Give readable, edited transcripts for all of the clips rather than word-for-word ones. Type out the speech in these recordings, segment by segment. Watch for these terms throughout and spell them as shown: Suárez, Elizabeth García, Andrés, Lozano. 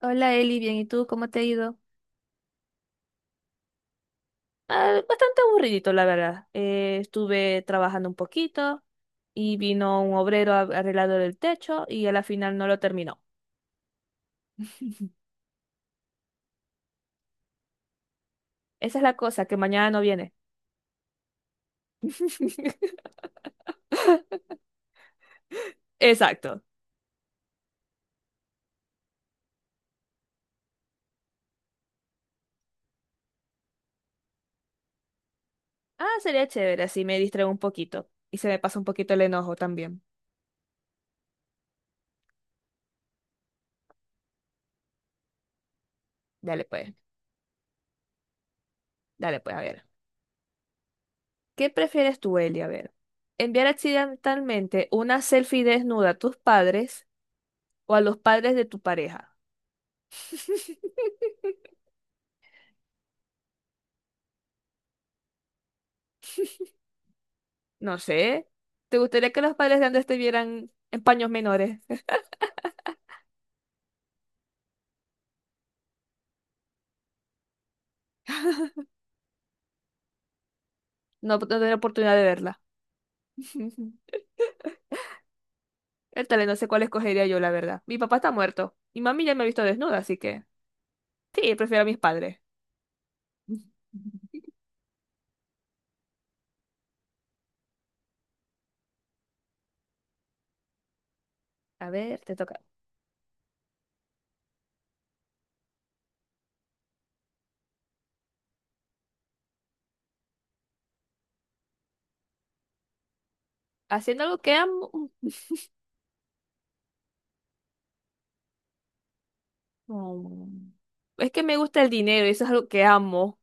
Hola Eli, bien, ¿y tú cómo te ha ido? Ah, bastante aburridito, la verdad. Estuve trabajando un poquito y vino un obrero a arreglado el techo y a la final no lo terminó. Esa es la cosa, que mañana no viene. Exacto. Ah, sería chévere, así me distraigo un poquito y se me pasa un poquito el enojo también. Dale pues, dale pues, a ver. ¿Qué prefieres tú, Eli? A ver. ¿Enviar accidentalmente una selfie desnuda a tus padres o a los padres de tu pareja? No sé. ¿Te gustaría que los padres de Andrés te vieran en paños menores? No, no tener oportunidad de verla. El tal, no sé cuál escogería yo, la verdad. Mi papá está muerto. Mi mami ya me ha visto desnuda, así que sí, prefiero a mis padres. A ver, te toca. Haciendo algo que amo. Mm. Es que me gusta el dinero, eso es algo que amo,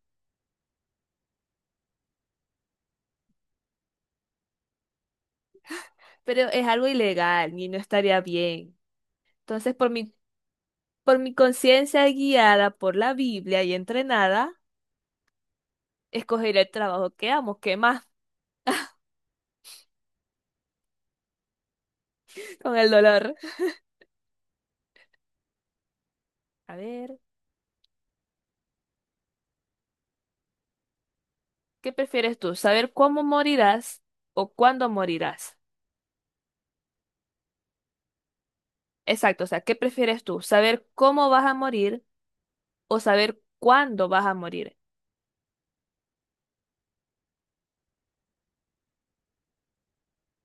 pero es algo ilegal y no estaría bien. Entonces, por mi conciencia guiada por la Biblia y entrenada, escogeré el trabajo que amo, ¿qué más? Con el dolor. A ver, ¿qué prefieres tú? ¿Saber cómo morirás o cuándo morirás? Exacto, o sea, ¿qué prefieres tú? ¿Saber cómo vas a morir o saber cuándo vas a morir?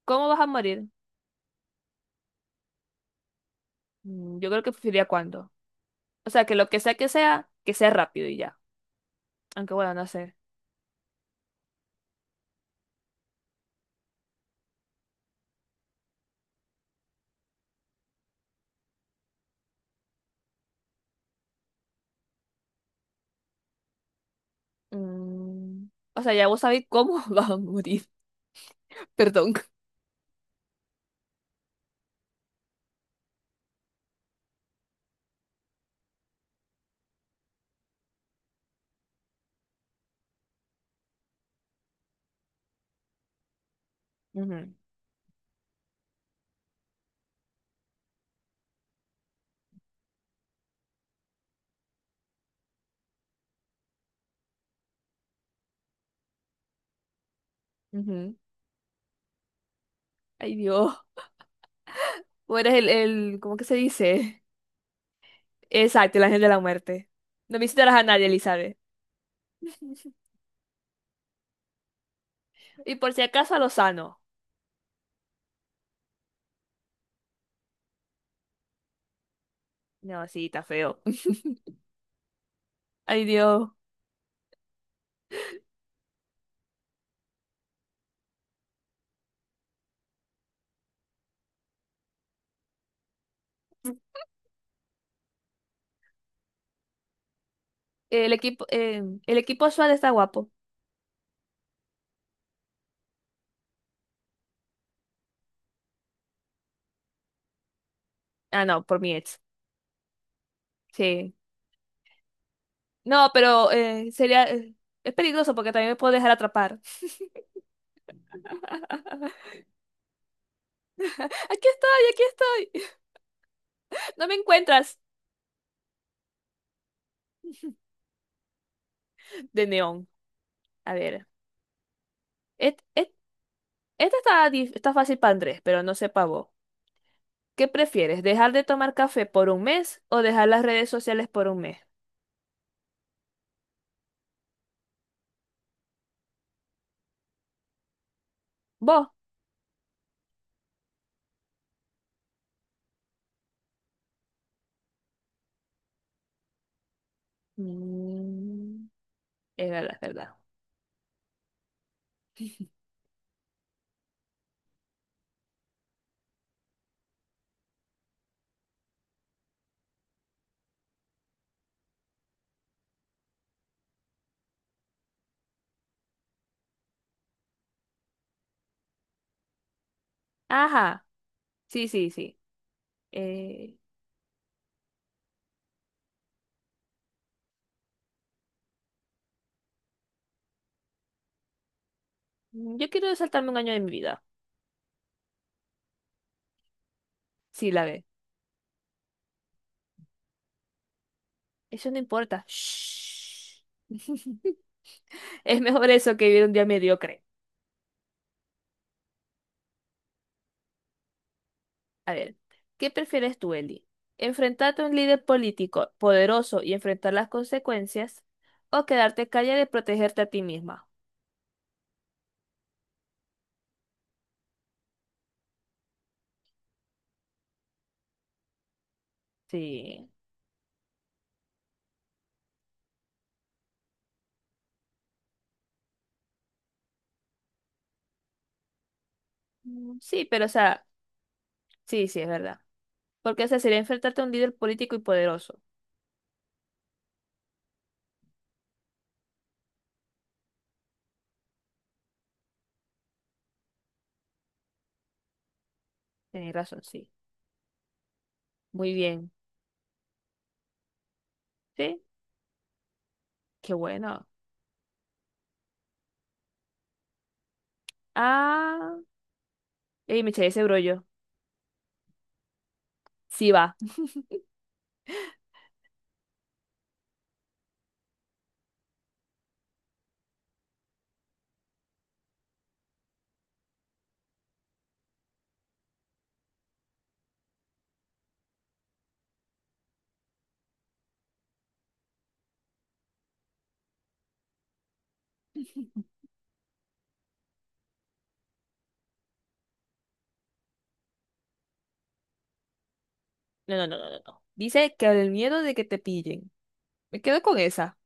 ¿Cómo vas a morir? Mm, yo creo que preferiría cuándo. O sea, que lo que sea que sea, que sea rápido y ya. Aunque bueno, no sé. Mm, o sea, ya vos sabés cómo vas a morir. Perdón. Ujú, ujú. Ay, Dios. O eres el, ¿cómo que se dice? Exacto, el ángel de la muerte. No visitarás a nadie, Elizabeth. Y por si acaso a Lozano. No, sí, está feo. Ay, Dios. El equipo Suárez está guapo. Ah, no, por mi ex. Sí. No, pero sería. Es peligroso porque también me puedo dejar atrapar. Aquí estoy, aquí estoy. No me encuentras. De neón. A ver. et- et- Esta está, está fácil para Andrés, pero no sé para vos. ¿Qué prefieres? ¿Dejar de tomar café por un mes o dejar las redes sociales por un mes? ¿Vos? Mm, es verdad, es verdad. Ajá. Sí, sí, sí. Eh, yo quiero saltarme 1 año de mi vida. Sí, la ve. Eso no importa. Shh. Es mejor eso que vivir un día mediocre. A ver, ¿qué prefieres tú, Eli? ¿Enfrentarte a un líder político poderoso y enfrentar las consecuencias? ¿O quedarte callada y protegerte a ti misma? Sí. Mm, sí, pero o sea, sí, sí, es verdad. Porque o sea, sería enfrentarte a un líder político y poderoso. Tienes razón, sí. Muy bien. Sí, qué bueno. Ah, y me eché ese brollo. Sí va. No, no, no, no, no, no. Dice que el miedo de que te pillen. Me quedo con esa.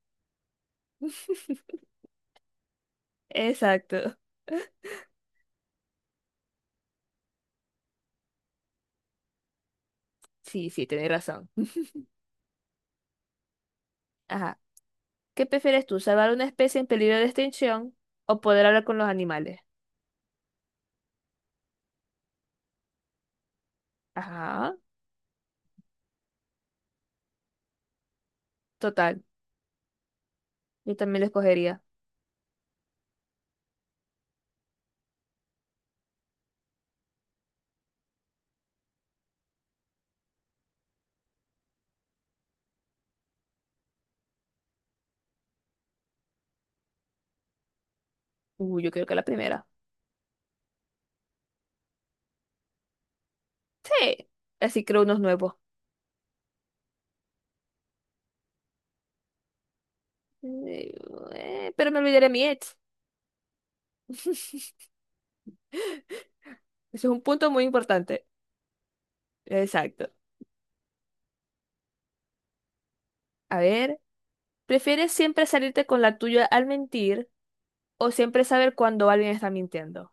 Exacto. Sí, sí, tenés razón. Ajá. ¿Qué prefieres tú, salvar una especie en peligro de extinción o poder hablar con los animales? Ajá. Total. Yo también la escogería. Yo creo que la primera. Sí. Así creo unos nuevos. Eh, pero me olvidaré de mi ex. Eso es un punto muy importante. Exacto. A ver, ¿prefieres siempre salirte con la tuya al mentir o siempre saber cuando alguien está mintiendo?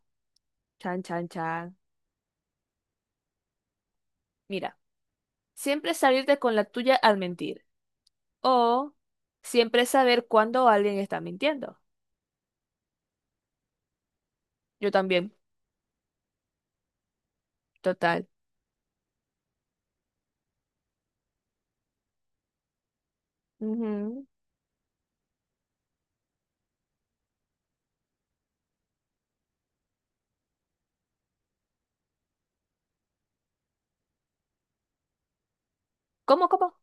Chan, chan, chan. Mira, siempre salirte con la tuya al mentir. O siempre saber cuándo alguien está mintiendo. Yo también, total. Ujú. ¿Cómo, cómo?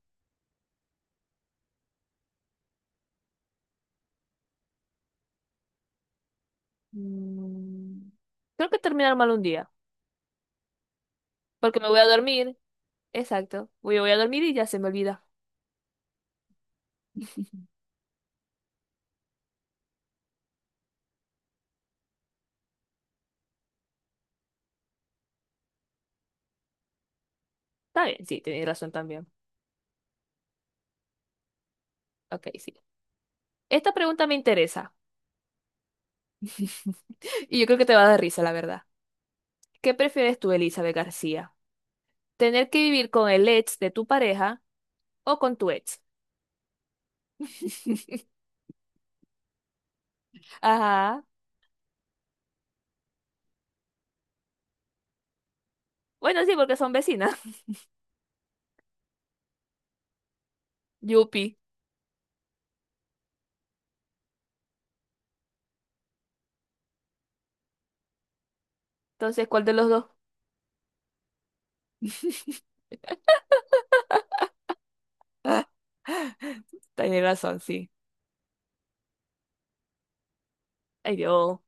Mm, creo que terminar mal un día. Porque me voy a dormir. Exacto. Voy a dormir y ya se me olvida. Está bien, sí, tenéis razón también. Ok, sí. Esta pregunta me interesa. Y yo creo que te va a dar risa, la verdad. ¿Qué prefieres tú, Elizabeth García? ¿Tener que vivir con el ex de tu pareja o con tu ex? Ajá. Bueno, sí, porque son vecinas. Yupi. Entonces, ¿cuál de los dos? Tiene razón, sí. Ay, Dios.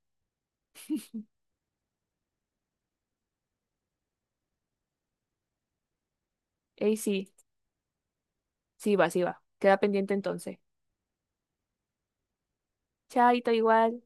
Ey, sí. Sí va, sí va. Queda pendiente entonces. Chaito, igual.